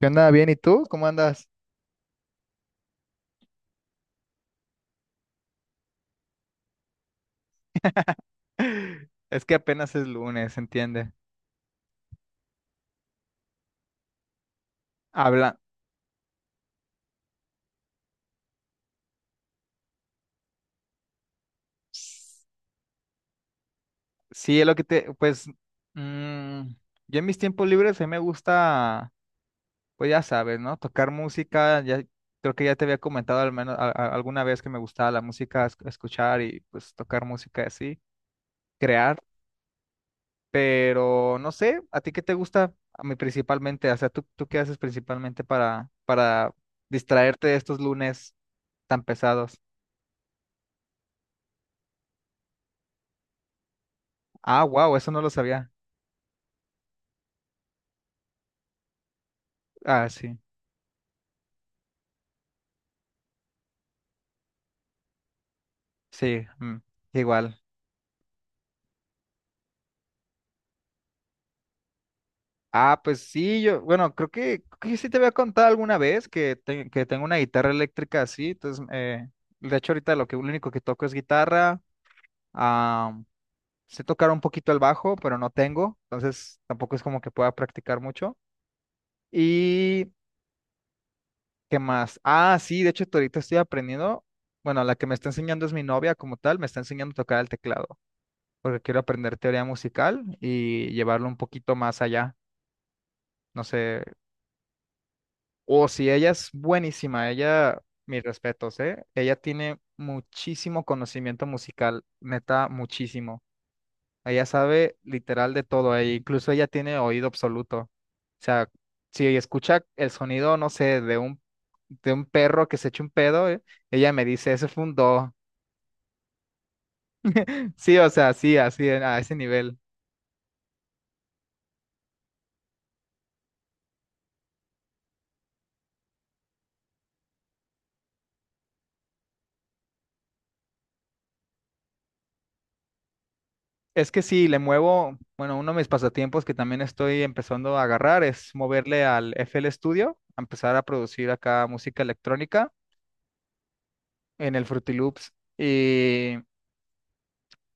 ¿Qué onda? Bien, ¿y tú? ¿Cómo andas? Es que apenas es lunes, ¿entiende? Habla. Sí, es lo que te, pues, mm, yo en mis tiempos libres a mí me gusta, pues ya sabes, ¿no? Tocar música, ya creo que ya te había comentado al menos alguna vez que me gustaba la música, escuchar y pues tocar música así, crear, pero no sé, ¿a ti qué te gusta? A mí principalmente, o sea, ¿tú qué haces principalmente para distraerte de estos lunes tan pesados? Ah, wow, eso no lo sabía. Ah, sí, sí, igual. Ah, pues sí, yo, bueno, creo que sí te había contado alguna vez que, que tengo una guitarra eléctrica así, entonces, de hecho ahorita lo que, lo único que toco es guitarra, ah, sé tocar un poquito el bajo, pero no tengo, entonces tampoco es como que pueda practicar mucho. ¿Y qué más? Ah, sí, de hecho ahorita estoy aprendiendo, bueno, la que me está enseñando es mi novia como tal, me está enseñando a tocar el teclado, porque quiero aprender teoría musical y llevarlo un poquito más allá. No sé, o si ella es buenísima, ella, mis respetos, ¿eh? Ella tiene muchísimo conocimiento musical, neta, muchísimo. Ella sabe literal de todo, e incluso ella tiene oído absoluto. O sea, si escucha el sonido, no sé, de un, perro que se eche un pedo, ella me dice, ese fue un do. Sí, o sea, sí, así, a ese nivel. Es que sí, le muevo, bueno, uno de mis pasatiempos que también estoy empezando a agarrar es moverle al FL Studio, a empezar a producir acá música electrónica en el Fruity Loops. Y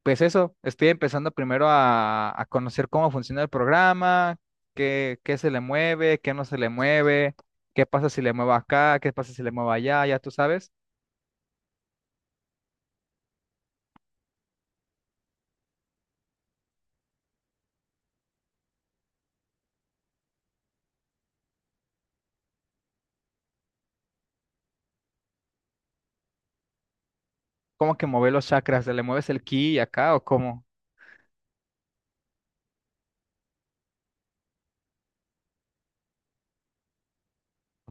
pues eso, estoy empezando primero a, conocer cómo funciona el programa, qué se le mueve, qué no se le mueve, qué pasa si le muevo acá, qué pasa si le muevo allá, ya tú sabes, cómo que mover los chakras, ¿le mueves el ki acá o cómo?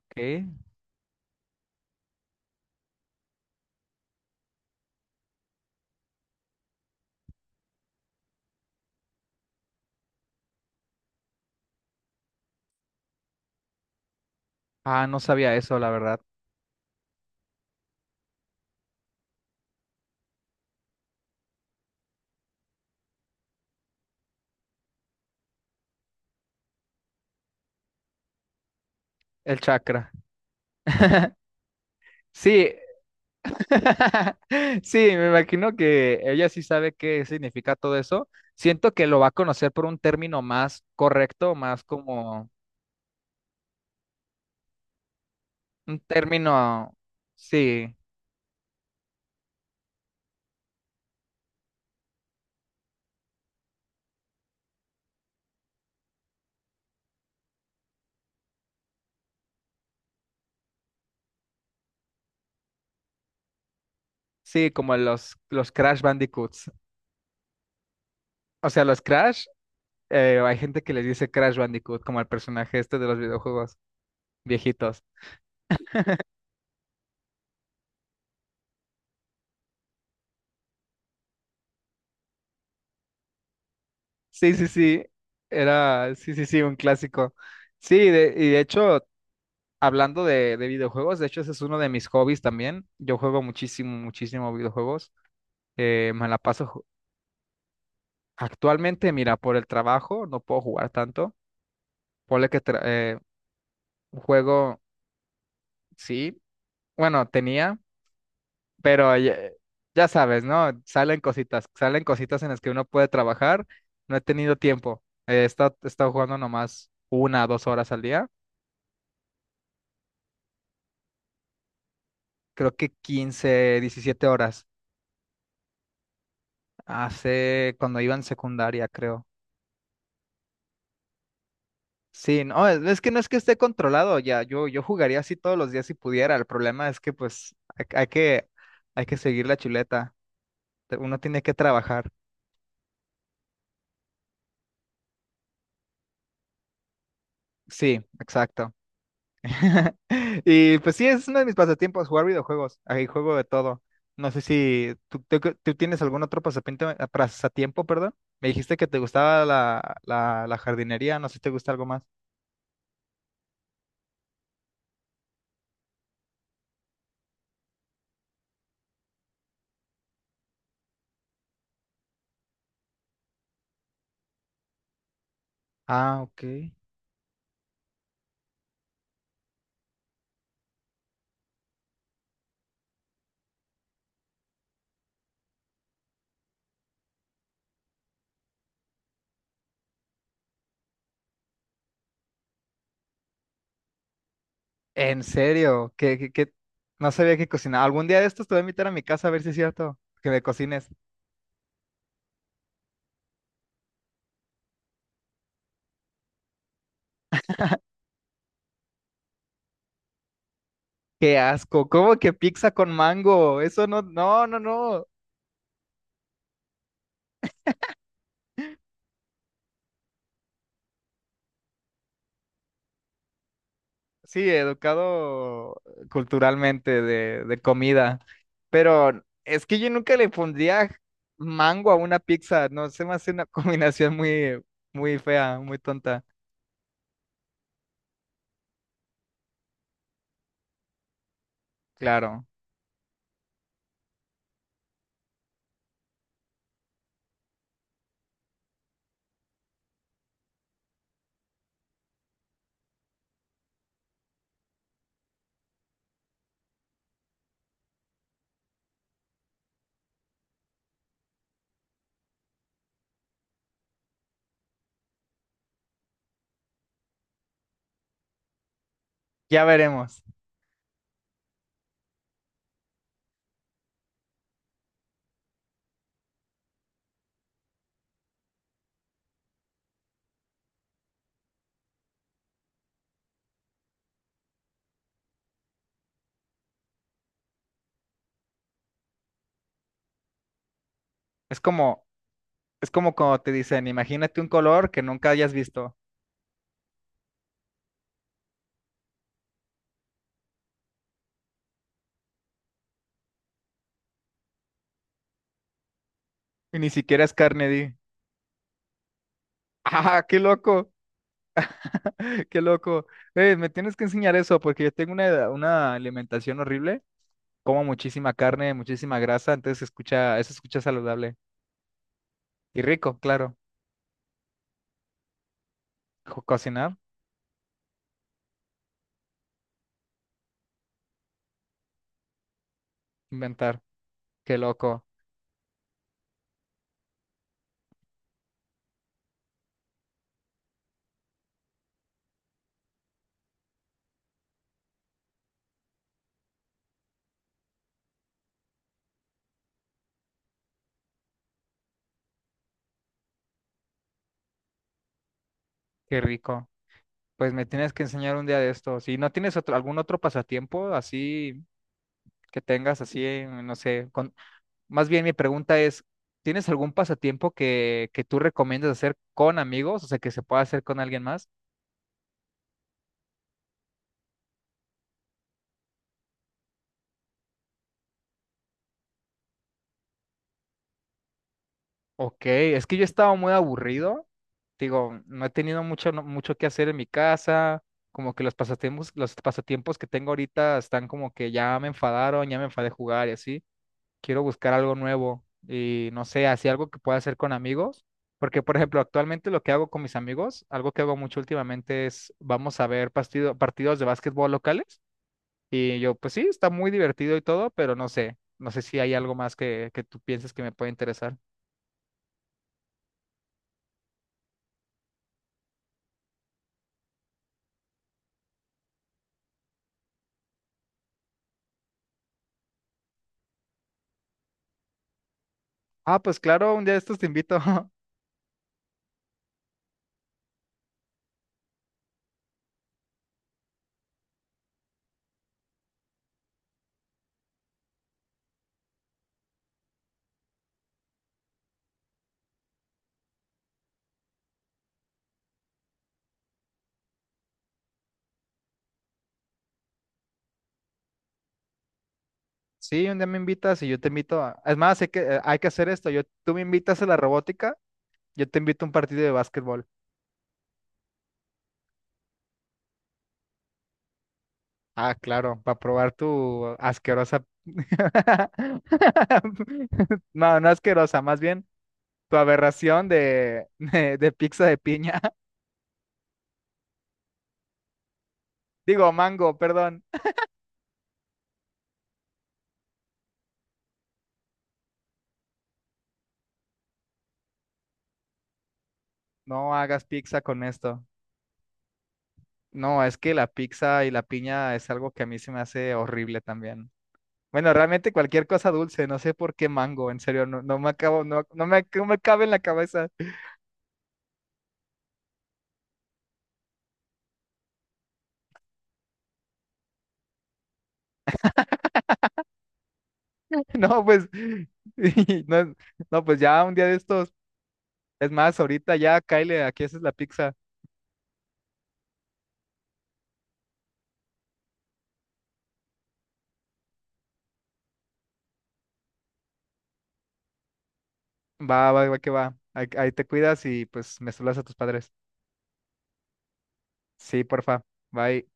¿Qué? Ah, no sabía eso, la verdad, el chakra. Sí, sí, me imagino que ella sí sabe qué significa todo eso. Siento que lo va a conocer por un término más correcto, más como un término, sí, sí, como los, Crash Bandicoots. O sea, los Crash, hay gente que les dice Crash Bandicoot, como el personaje este de los videojuegos viejitos. Sí, sí, sí, era, sí, sí, sí, un clásico. Sí, y de hecho, hablando de videojuegos, de hecho ese es uno de mis hobbies también. Yo juego muchísimo, muchísimo videojuegos. Me la paso ju- Actualmente, mira, por el trabajo no puedo jugar tanto. Ponle que juego, sí, bueno, tenía, pero ya, ya sabes, ¿no? Salen cositas en las que uno puede trabajar. No he tenido tiempo. He estado, jugando nomás una, 2 horas al día. Creo que 15, 17 horas. Hace cuando iba en secundaria, creo. Sí, no, es que no es que esté controlado ya, yo jugaría así todos los días si pudiera. El problema es que pues hay, hay que seguir la chuleta, uno tiene que trabajar, sí, exacto. Y pues sí, es uno de mis pasatiempos, jugar videojuegos, ahí juego de todo. No sé si tú, tú tienes algún otro pasatiempo, pasatiempo, perdón, me dijiste que te gustaba la, la jardinería, no sé si te gusta algo más. Ah, ok. En serio, que, que no sabía que cocinaba. Algún día de estos te voy a invitar a mi casa a ver si es cierto que me cocines. Qué asco, ¿cómo que pizza con mango? Eso no, no, no, no. Sí, educado culturalmente de, comida, pero es que yo nunca le pondría mango a una pizza. No, se me hace una combinación muy, muy fea, muy tonta. Claro, ya veremos. Es como, es como cuando te dicen, imagínate un color que nunca hayas visto y ni siquiera es carne, di. Ah, qué loco, qué loco. Me tienes que enseñar eso porque yo tengo una alimentación horrible. Como muchísima carne, muchísima grasa, entonces se escucha, eso se escucha saludable. Y rico, claro. Cocinar, inventar. Qué loco, qué rico. Pues me tienes que enseñar un día de esto. Si no tienes otro, algún otro pasatiempo así que tengas, así, no sé. Más bien mi pregunta es, ¿tienes algún pasatiempo que, tú recomiendas hacer con amigos? O sea, que se pueda hacer con alguien más. Ok, es que yo estaba muy aburrido. Digo, no he tenido mucho, mucho que hacer en mi casa. Como que los pasatiempos que tengo ahorita están como que ya me enfadaron, ya me enfadé de jugar y así. Quiero buscar algo nuevo y no sé, así algo que pueda hacer con amigos. Porque, por ejemplo, actualmente lo que hago con mis amigos, algo que hago mucho últimamente es vamos a ver partidos de básquetbol locales. Y yo, pues sí, está muy divertido y todo, pero no sé, si hay algo más que tú pienses que me puede interesar. Ah, pues claro, un día de estos te invito. Sí, un día me invitas y yo te invito a... Es más, hay que hacer esto. Tú me invitas a la robótica, yo te invito a un partido de básquetbol. Ah, claro, para probar tu asquerosa... No, no asquerosa, más bien tu aberración de, de pizza de piña. Digo, mango, perdón. No hagas pizza con esto. No, es que la pizza y la piña es algo que a mí se me hace horrible también. Bueno, realmente cualquier cosa dulce, no sé por qué mango, en serio, no, no me acabo, no, no me cabe en la cabeza. No, pues, y no, no, pues ya un día de estos, es más, ahorita ya, Kyle, aquí haces la pizza. Va, va, va, que va. Ahí te cuidas y pues me saludas a tus padres. Sí, porfa. Bye.